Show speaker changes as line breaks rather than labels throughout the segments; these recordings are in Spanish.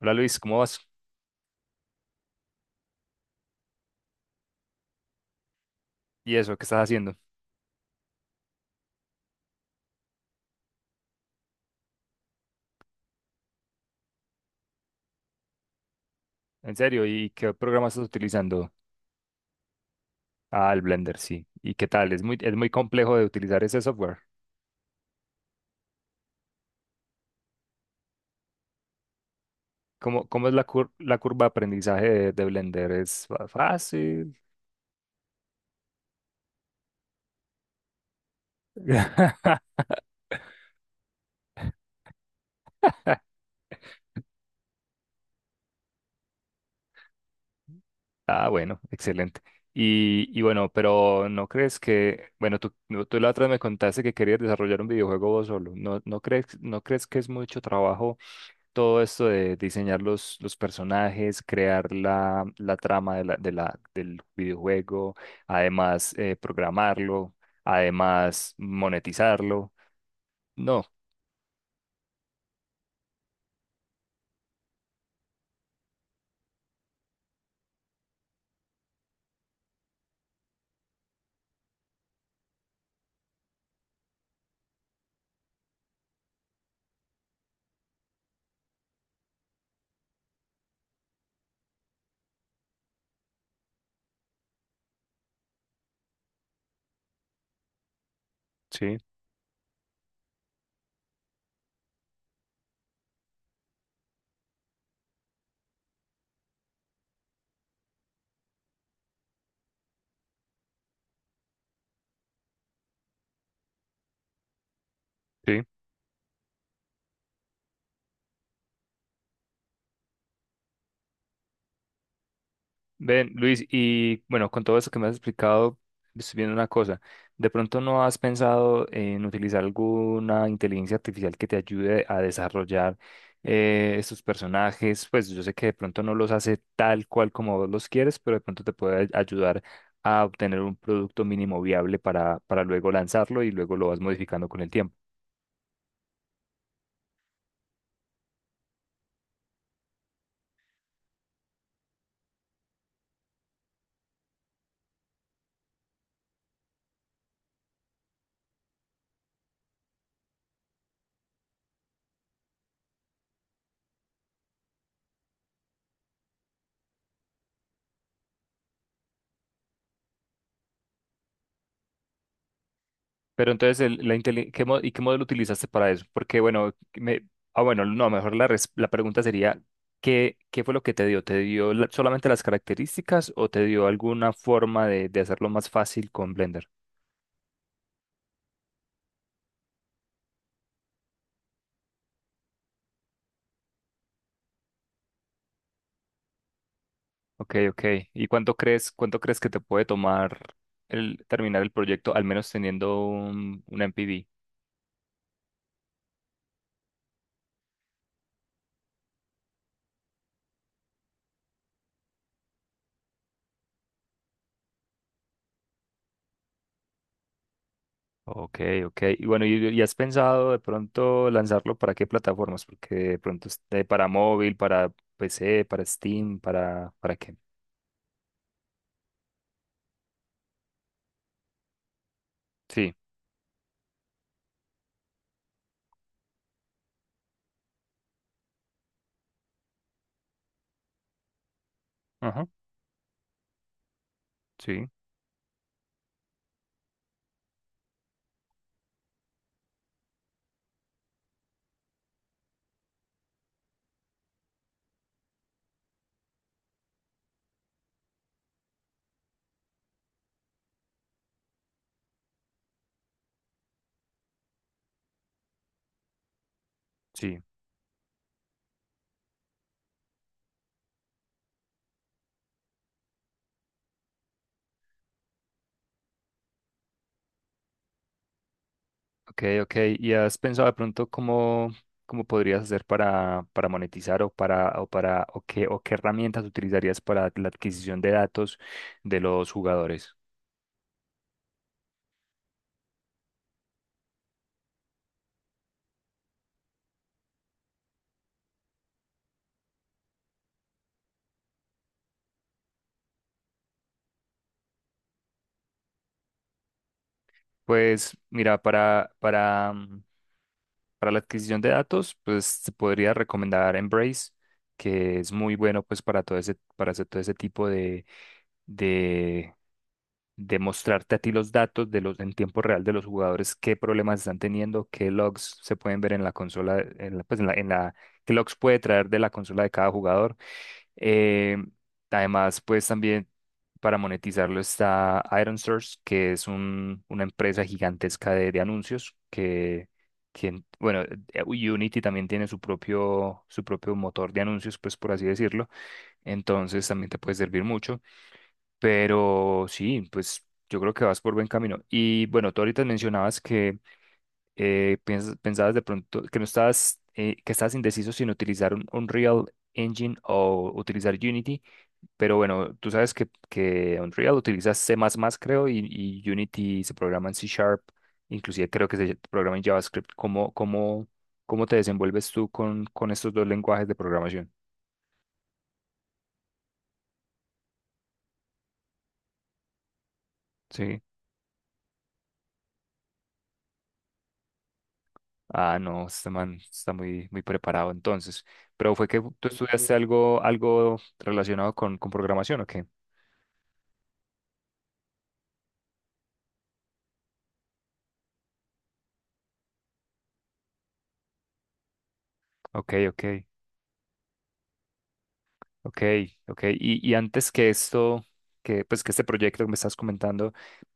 Hola Luis, ¿cómo vas? ¿Y eso? ¿Qué estás haciendo? ¿En serio? ¿Y qué programa estás utilizando? Ah, el Blender, sí. ¿Y qué tal? Es es muy complejo de utilizar ese software. ¿Cómo es la curva de aprendizaje de Blender? ¿Es fácil? Ah, bueno, excelente. Y bueno, pero ¿no crees que, bueno, tú, no, tú la otra vez me contaste que querías desarrollar un videojuego vos solo? ¿No crees que es mucho trabajo? Todo esto de diseñar los personajes, crear la trama de del videojuego, además programarlo, además monetizarlo. No, sí, sí. Ven, Luis, y bueno, con todo eso que me has explicado, estoy viendo una cosa. ¿De pronto no has pensado en utilizar alguna inteligencia artificial que te ayude a desarrollar estos personajes? Pues yo sé que de pronto no los hace tal cual como vos los quieres, pero de pronto te puede ayudar a obtener un producto mínimo viable para luego lanzarlo y luego lo vas modificando con el tiempo. Pero entonces, el- la inteli- ¿qué mo- ¿y qué modelo utilizaste para eso? Porque, bueno, me, ah, bueno, no, mejor la pregunta sería, ¿qué fue lo que te dio? ¿Te dio solamente las características o te dio alguna forma de hacerlo más fácil con Blender? Ok, ok. ¿Y cuánto crees que te puede tomar el terminar el proyecto, al menos teniendo un MPV? Ok, ok. Y bueno, y has pensado de pronto lanzarlo para qué plataformas? Porque de pronto esté para móvil, para PC, para Steam, ¿para qué? Sí, ajá, sí, sí. Ok, ok. ¿Y has pensado de pronto cómo, cómo podrías hacer para monetizar o para, o para, o qué herramientas utilizarías para la adquisición de datos de los jugadores? Pues mira, para la adquisición de datos, pues te podría recomendar Embrace, que es muy bueno pues para todo ese, para hacer todo ese tipo de de mostrarte a ti los datos de los en tiempo real de los jugadores, qué problemas están teniendo, qué logs se pueden ver en la consola, en la, pues en la- qué logs puede traer de la consola de cada jugador. Eh, Además, pues también para monetizarlo está Iron Source, que es una empresa gigantesca de anuncios bueno, Unity también tiene su propio motor de anuncios, pues por así decirlo. Entonces también te puede servir mucho. Pero sí, pues yo creo que vas por buen camino. Y bueno, tú ahorita mencionabas que pensabas de pronto que no estabas, que estabas indeciso sin utilizar un Unreal Engine o utilizar Unity, pero bueno, tú sabes que Unreal utiliza C++, creo, y Unity se programa en C Sharp, inclusive creo que se programa en JavaScript. ¿Cómo te desenvuelves tú con estos dos lenguajes de programación? Sí. Ah, no, este man está muy preparado entonces. Pero fue que tú estudiaste algo, algo relacionado con programación, ¿o qué? Ok, ok, ok, ok. Y antes que esto, que pues que este proyecto que me estás comentando,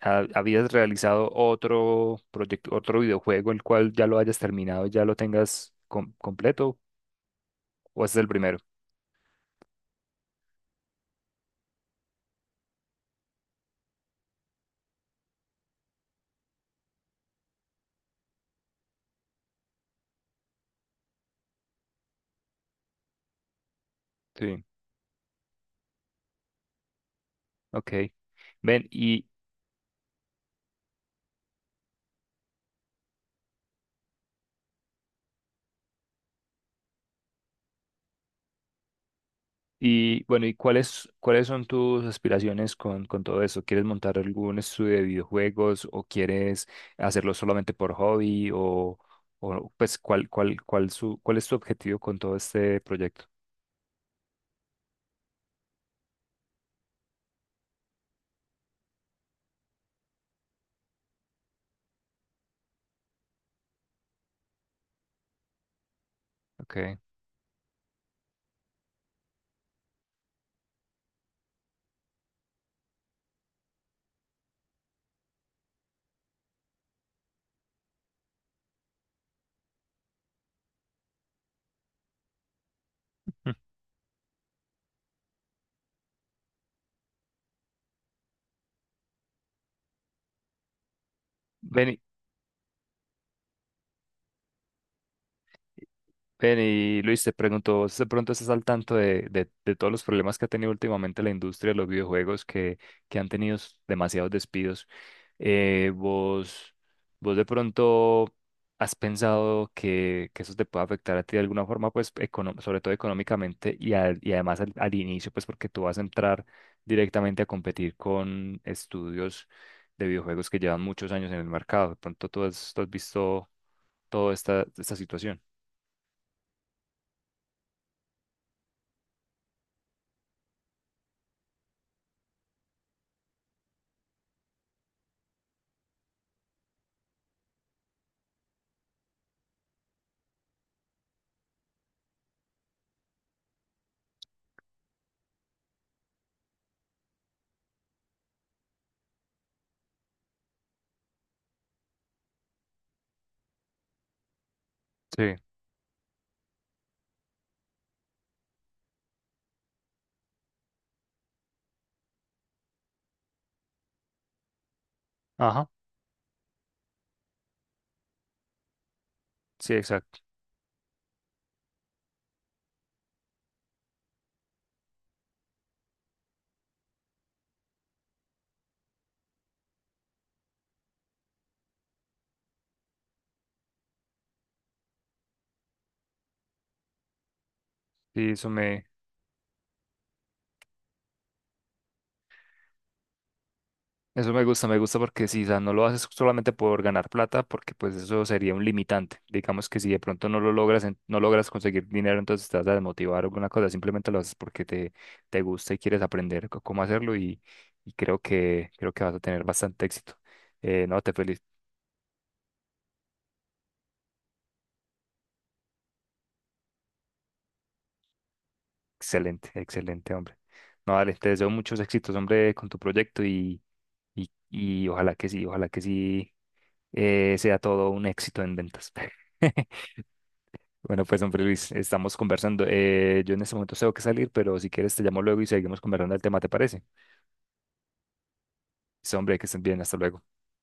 ¿habías realizado otro proyecto, otro videojuego, el cual ya lo hayas terminado, ya lo tengas completo, o este es el primero? Sí, ok. Ven, y bueno, ¿y cuáles son tus aspiraciones con todo eso? ¿Quieres montar algún estudio de videojuegos o quieres hacerlo solamente por hobby o, pues cuál es tu objetivo con todo este proyecto? Okay. Mm. Ven, ven y Luis, te pregunto, ¿vos de pronto estás al tanto de todos los problemas que ha tenido últimamente la industria de los videojuegos que han tenido demasiados despidos? Eh, ¿vos, ¿vos de pronto has pensado que eso te puede afectar a ti de alguna forma, pues sobre todo económicamente y, y además al inicio, pues porque tú vas a entrar directamente a competir con estudios de videojuegos que llevan muchos años en el mercado? ¿De pronto tú has visto toda esta situación? Sí. Ajá. Sí, exacto. Sí, eso me, eso me gusta porque si no lo haces solamente por ganar plata, porque pues eso sería un limitante. Digamos que si de pronto no lo logras, no logras conseguir dinero, entonces te vas a desmotivar o alguna cosa, simplemente lo haces porque te gusta y quieres aprender cómo hacerlo y creo que vas a tener bastante éxito. No, te feliz, excelente, excelente, hombre. No, dale, te deseo muchos éxitos, hombre, con tu proyecto y ojalá que sí, sea todo un éxito en ventas. Bueno, pues, hombre Luis, estamos conversando. Yo en este momento tengo que salir, pero si quieres te llamo luego y seguimos conversando el tema, ¿te parece? Sí, hombre, que estén bien, hasta luego.